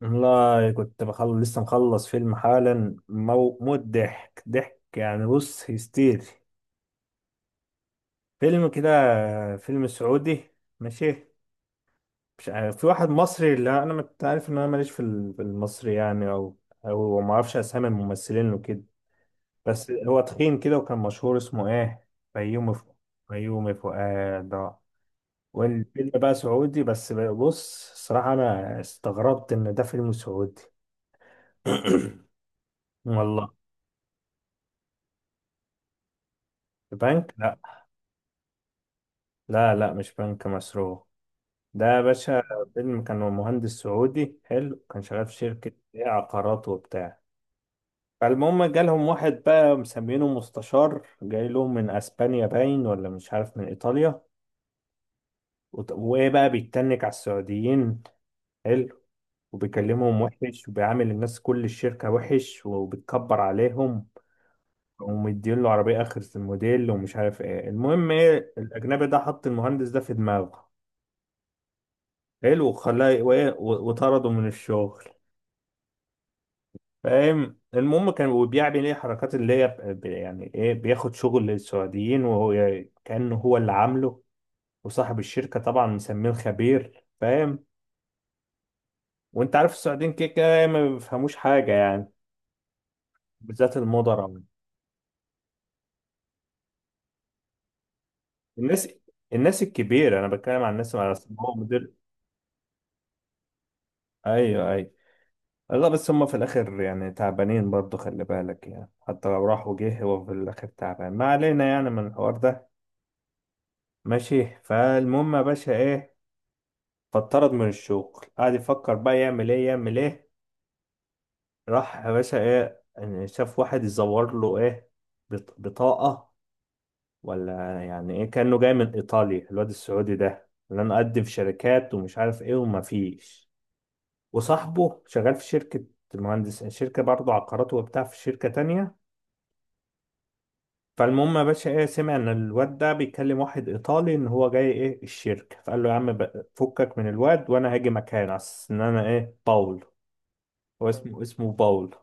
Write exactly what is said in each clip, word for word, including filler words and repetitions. والله كنت بخلص لسه مخلص فيلم حالا. مو... موت ضحك ضحك يعني. بص هيستيري. فيلم كده، فيلم سعودي، ماشي. مش عارف، في واحد مصري. لا انا مت- عارف ان انا ماليش في ال- في المصري، يعني، او او ما اعرفش اسامي الممثلين وكده. بس هو تخين كده وكان مشهور، اسمه ايه؟ بيومي فؤاد. بيومي فؤاد آه. والفيلم بقى سعودي، بس بص الصراحة انا استغربت ان ده فيلم سعودي. والله. البنك؟ لا. لا، لا، مش بنك مسروق. ده يا باشا فيلم كان هو مهندس سعودي حلو، كان شغال في شركة، إيه، عقارات وبتاع. فالمهم جالهم واحد بقى مسمينه مستشار، جاي لهم من اسبانيا باين، ولا مش عارف، من ايطاليا. وت- وايه بقى، بيتنك على السعوديين. حلو. وبيكلمهم وحش، وبيعامل الناس كل الشركة وحش، وبيتكبر عليهم، ومدين له عربية آخر الموديل ومش عارف ايه. المهم ايه، الأجنبي ده حط المهندس ده في دماغه، حلو، وخلاه وإيه، و- وطرده من الشغل. فاهم؟ المهم كان وبيعمل ايه حركات اللي هي ب- ب- يعني ايه، بياخد شغل للسعوديين وهو ي- كأنه هو اللي عامله. وصاحب الشركة طبعا مسميه الخبير، فاهم. وانت عارف السعوديين كده كده ما بيفهموش حاجة يعني. بالذات المدراء. الناس الناس الكبيرة انا بتكلم عن الناس، على أساس إن هو مدير. ايوه، ايوه. لا بس هم في الاخر يعني تعبانين برضه، خلي بالك يعني. حتى لو راح وجه هو في الاخر تعبان. ما علينا يعني من الحوار ده. ماشي. فالمهم يا باشا ايه، فاتطرد من الشغل. قعد يفكر بقى يعمل ايه، يعمل ايه. راح يا باشا ايه يعني، شاف واحد يزور له ايه، بط- بطاقة ولا يعني ايه، كأنه جاي من ايطاليا. الواد السعودي ده اللي انا اقدم في شركات ومش عارف ايه، وما فيش. وصاحبه شغال في شركة، المهندس، شركة برضه عقارات وبتاع، في شركة تانية. فالمهم يا باشا ايه، سمع ان الواد ده بيكلم واحد ايطالي ان هو جاي ايه الشركه. فقال له يا عم ب- فكك من الواد، وانا هاجي مكانه على اساس ان انا ايه، باول. هو اسمه اسمه باول.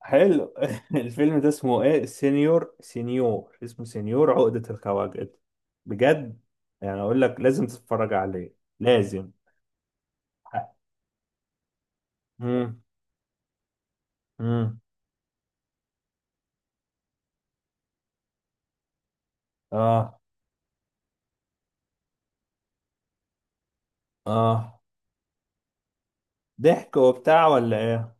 حلو. الفيلم ده اسمه ايه، سينيور، سينيور، اسمه سينيور عقدة الخواجد. بجد. يعني اقول لك لازم تتفرج عليه، لازم. امم. امم. اه. اه. ضحك وبتاع ولا ايه؟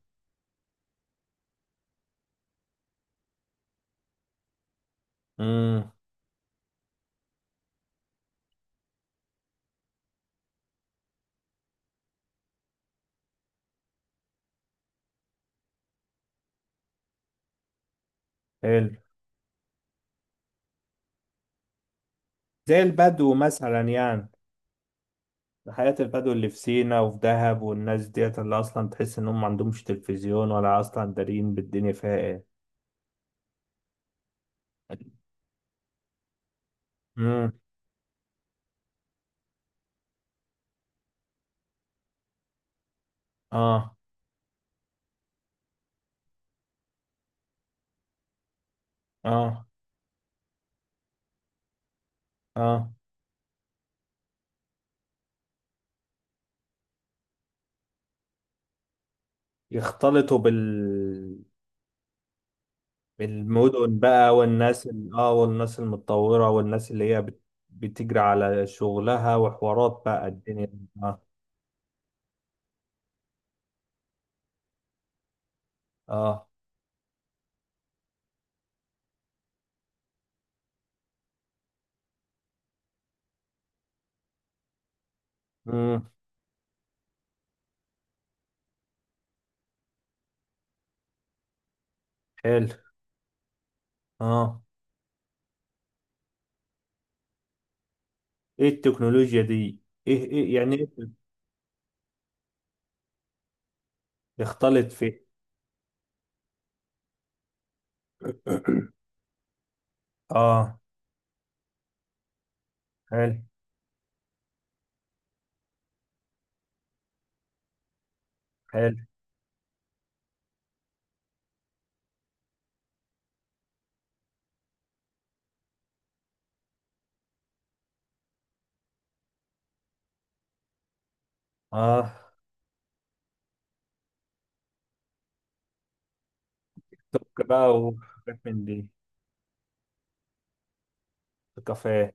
امم. حلو. زي البدو مثلا يعني، حياة البدو اللي في سينا وفي دهب والناس ديت اللي أصلا تحس إنهم ما عندهمش تلفزيون، ولا أصلا دارين بالدنيا فيها إيه. مم. آه. آه. آه. يختلطوا بال، بالمدن بقى والناس ال- آه والناس المتطورة والناس اللي هي بت... بتجري على شغلها وحوارات بقى الدنيا دي. آه. آه. مم. حلو. آه. إيه التكنولوجيا دي؟ إيه إيه يعني إيه. يختلط في. آه. حلو. حلو. آه. سك بقى وحاجات من دي. في كافيه،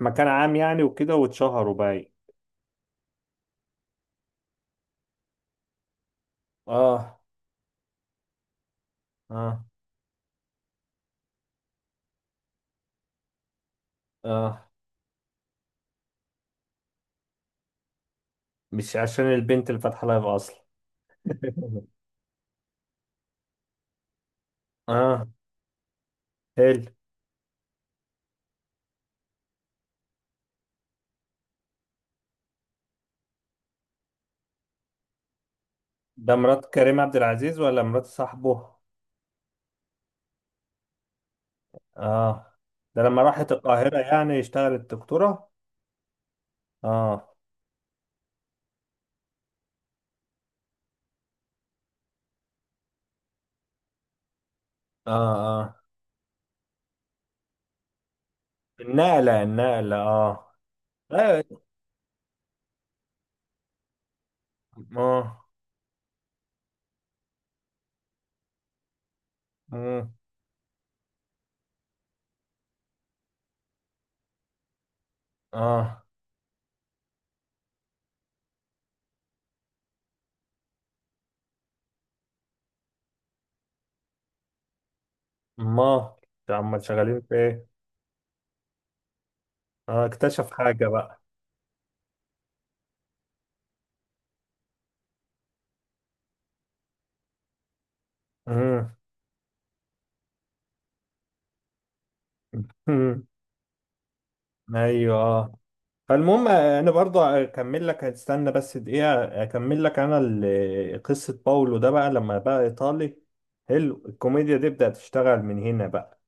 مكان عام يعني وكده، واتشهروا بقى. اه. اه. اه. مش عشان البنت اللي فاتحه لايف اصلا. اه. حلو. ده مرات كريم عبد العزيز ولا مرات صاحبه؟ اه. ده لما راحت القاهرة يعني اشتغلت دكتورة. اه. اه. اه. النقلة النقلة، اه. اه. اه. مم. اه. ما عم شغالين في ايه. اه، اكتشف حاجة بقى. مم. ايوه، اه. فالمهم، آه، انا برضو اكمل لك، هتستنى بس دقيقه اكمل لك انا ال- قصه باولو ده بقى لما بقى ايطالي. حلو، الكوميديا دي بدات تشتغل من هنا بقى.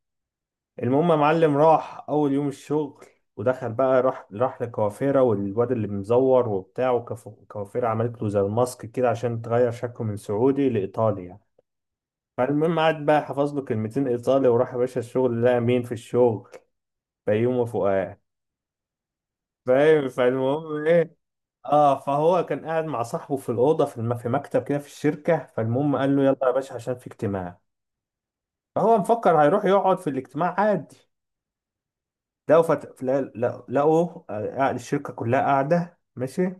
المهم يا معلم، راح اول يوم الشغل ودخل بقى، راح راح لكوافيرا، والواد اللي مزور وبتاع، وكوافيرا عملت له زي الماسك كده عشان تغير شكله من سعودي لايطالي يعني. فالمهم قعد بقى حفظ له كلمتين ايطالي، وراح يا باشا الشغل. لقى مين في الشغل؟ فيومه فؤاد. فاهم؟ فالمهم ايه، اه، فهو كان قاعد مع صاحبه في الاوضه، في الم... في مكتب كده في الشركه. فالمهم قال له يلا يا باشا عشان في اجتماع. فهو مفكر هيروح يقعد في الاجتماع عادي. لقوا فت... لا- لا- لقوا آه، قاعد- الشركه كلها قاعده، ماشي.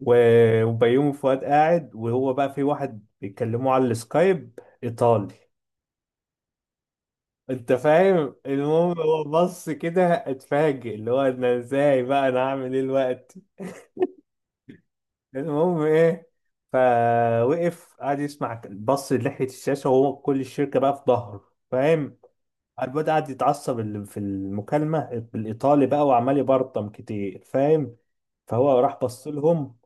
و- وبيومي فؤاد قاعد، وهو بقى في واحد بيتكلموا على السكايب، ايطالي. انت فاهم؟ المهم هو بص كده، اتفاجئ اللي هو انا ازاي بقى، انا هعمل ايه الوقت. المهم ايه، فوقف قعد يسمع، بص لحية الشاشة وهو كل الشركة بقى في ظهره، فاهم. الواد قعد يتعصب ال- في المكالمة بالإيطالي بقى وعمال يبرطم كتير، فاهم. فهو راح بص لهم،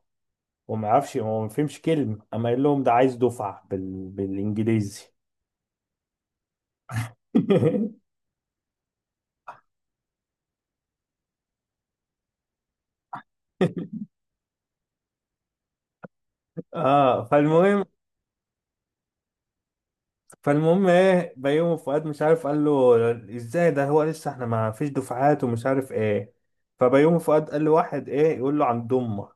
وما يعرفش. هو ما فهمش كلمة، أما قال لهم ده عايز دفعة بال... بالإنجليزي. اه. فالمهم فالمهم ايه، بيومي فؤاد مش عارف قال له ازاي، ده هو لسه احنا ما فيش دفعات ومش عارف ايه. فبيومي فؤاد قال له واحد ايه، يقول له عند امك.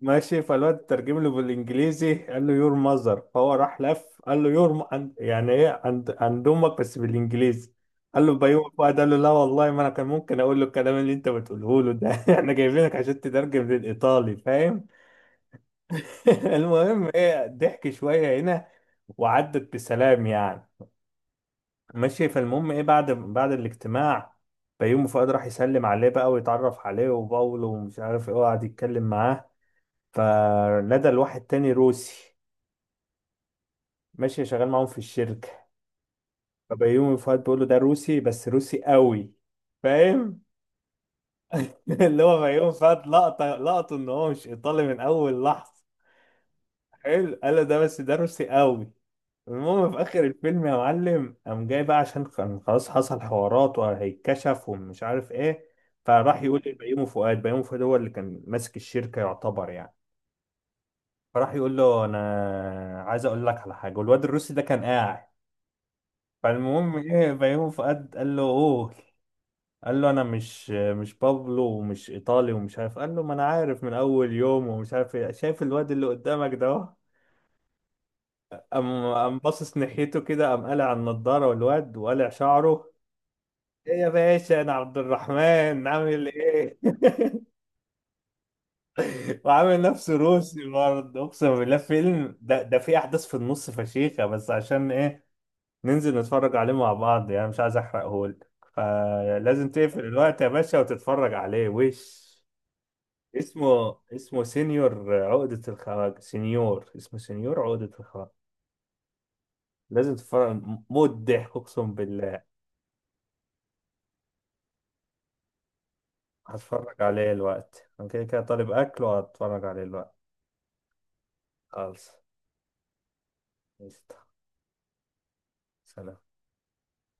ماشي. فالواد ترجم له بالانجليزي، قال له يور ماذر. فهو راح لف قال له يور م... عند- يعني ايه، عند عند امك، بس بالانجليزي. قال له بيومي فؤاد قال له لا والله، ما انا كان ممكن اقول له الكلام اللي انت بتقوله له ده. احنا جايبينك عشان تترجم للايطالي، فاهم. المهم ايه، ضحك شويه هنا، وعدت بسلام يعني. ماشي. فالمهم ايه، بعد بعد الاجتماع بيومي فؤاد راح يسلم عليه بقى ويتعرف عليه، وباولو ومش عارف ايه، وقعد يتكلم معاه. فندى لواحد تاني روسي، ماشي، شغال معاهم في الشركة. فبيومي فؤاد بيقول له ده روسي، بس روسي قوي، فاهم. اللي هو بيومي فؤاد لقطة لقطه ان هو مش ايطالي من اول لحظة. حلو. قال له ده، بس ده روسي قوي. المهم في اخر الفيلم يا معلم قام جاي بقى، عشان كان خلاص حصل حوارات وهيتكشف ومش عارف ايه. فراح يقول لبيومي فؤاد، بيومي فؤاد هو اللي كان ماسك الشركه يعتبر يعني. فراح يقول له انا عايز اقول لك على حاجه. والواد الروسي ده كان قاعد. فالمهم ايه، بيومي فؤاد قال له قول. قال له انا مش مش بابلو ومش ايطالي ومش عارف. قال له ما انا عارف من اول يوم ومش عارف ايه، شايف الواد اللي قدامك ده أهو؟ قام قام باصص ناحيته كده، قام قالع النضاره والواد، وقالع شعره، ايه يا باشا انا عبد الرحمن، عامل ايه. وعامل نفسه روسي برضه، اقسم بالله. فيلم ده ده فيه احداث في النص فشيخه، بس عشان ايه، ننزل نتفرج عليه مع بعض يعني، مش عايز احرقهولك. فلازم تقفل الوقت يا باشا وتتفرج عليه. وش اسمه، اسمه سينيور عقدة الخواجة، سينيور، اسمه سينيور عقدة الخواجة. لازم تتفرج، موت ضحك، اقسم بالله. هتفرج عليه الوقت، انا كده كده طالب اكل وهتفرج عليه الوقت. خالص. سلام.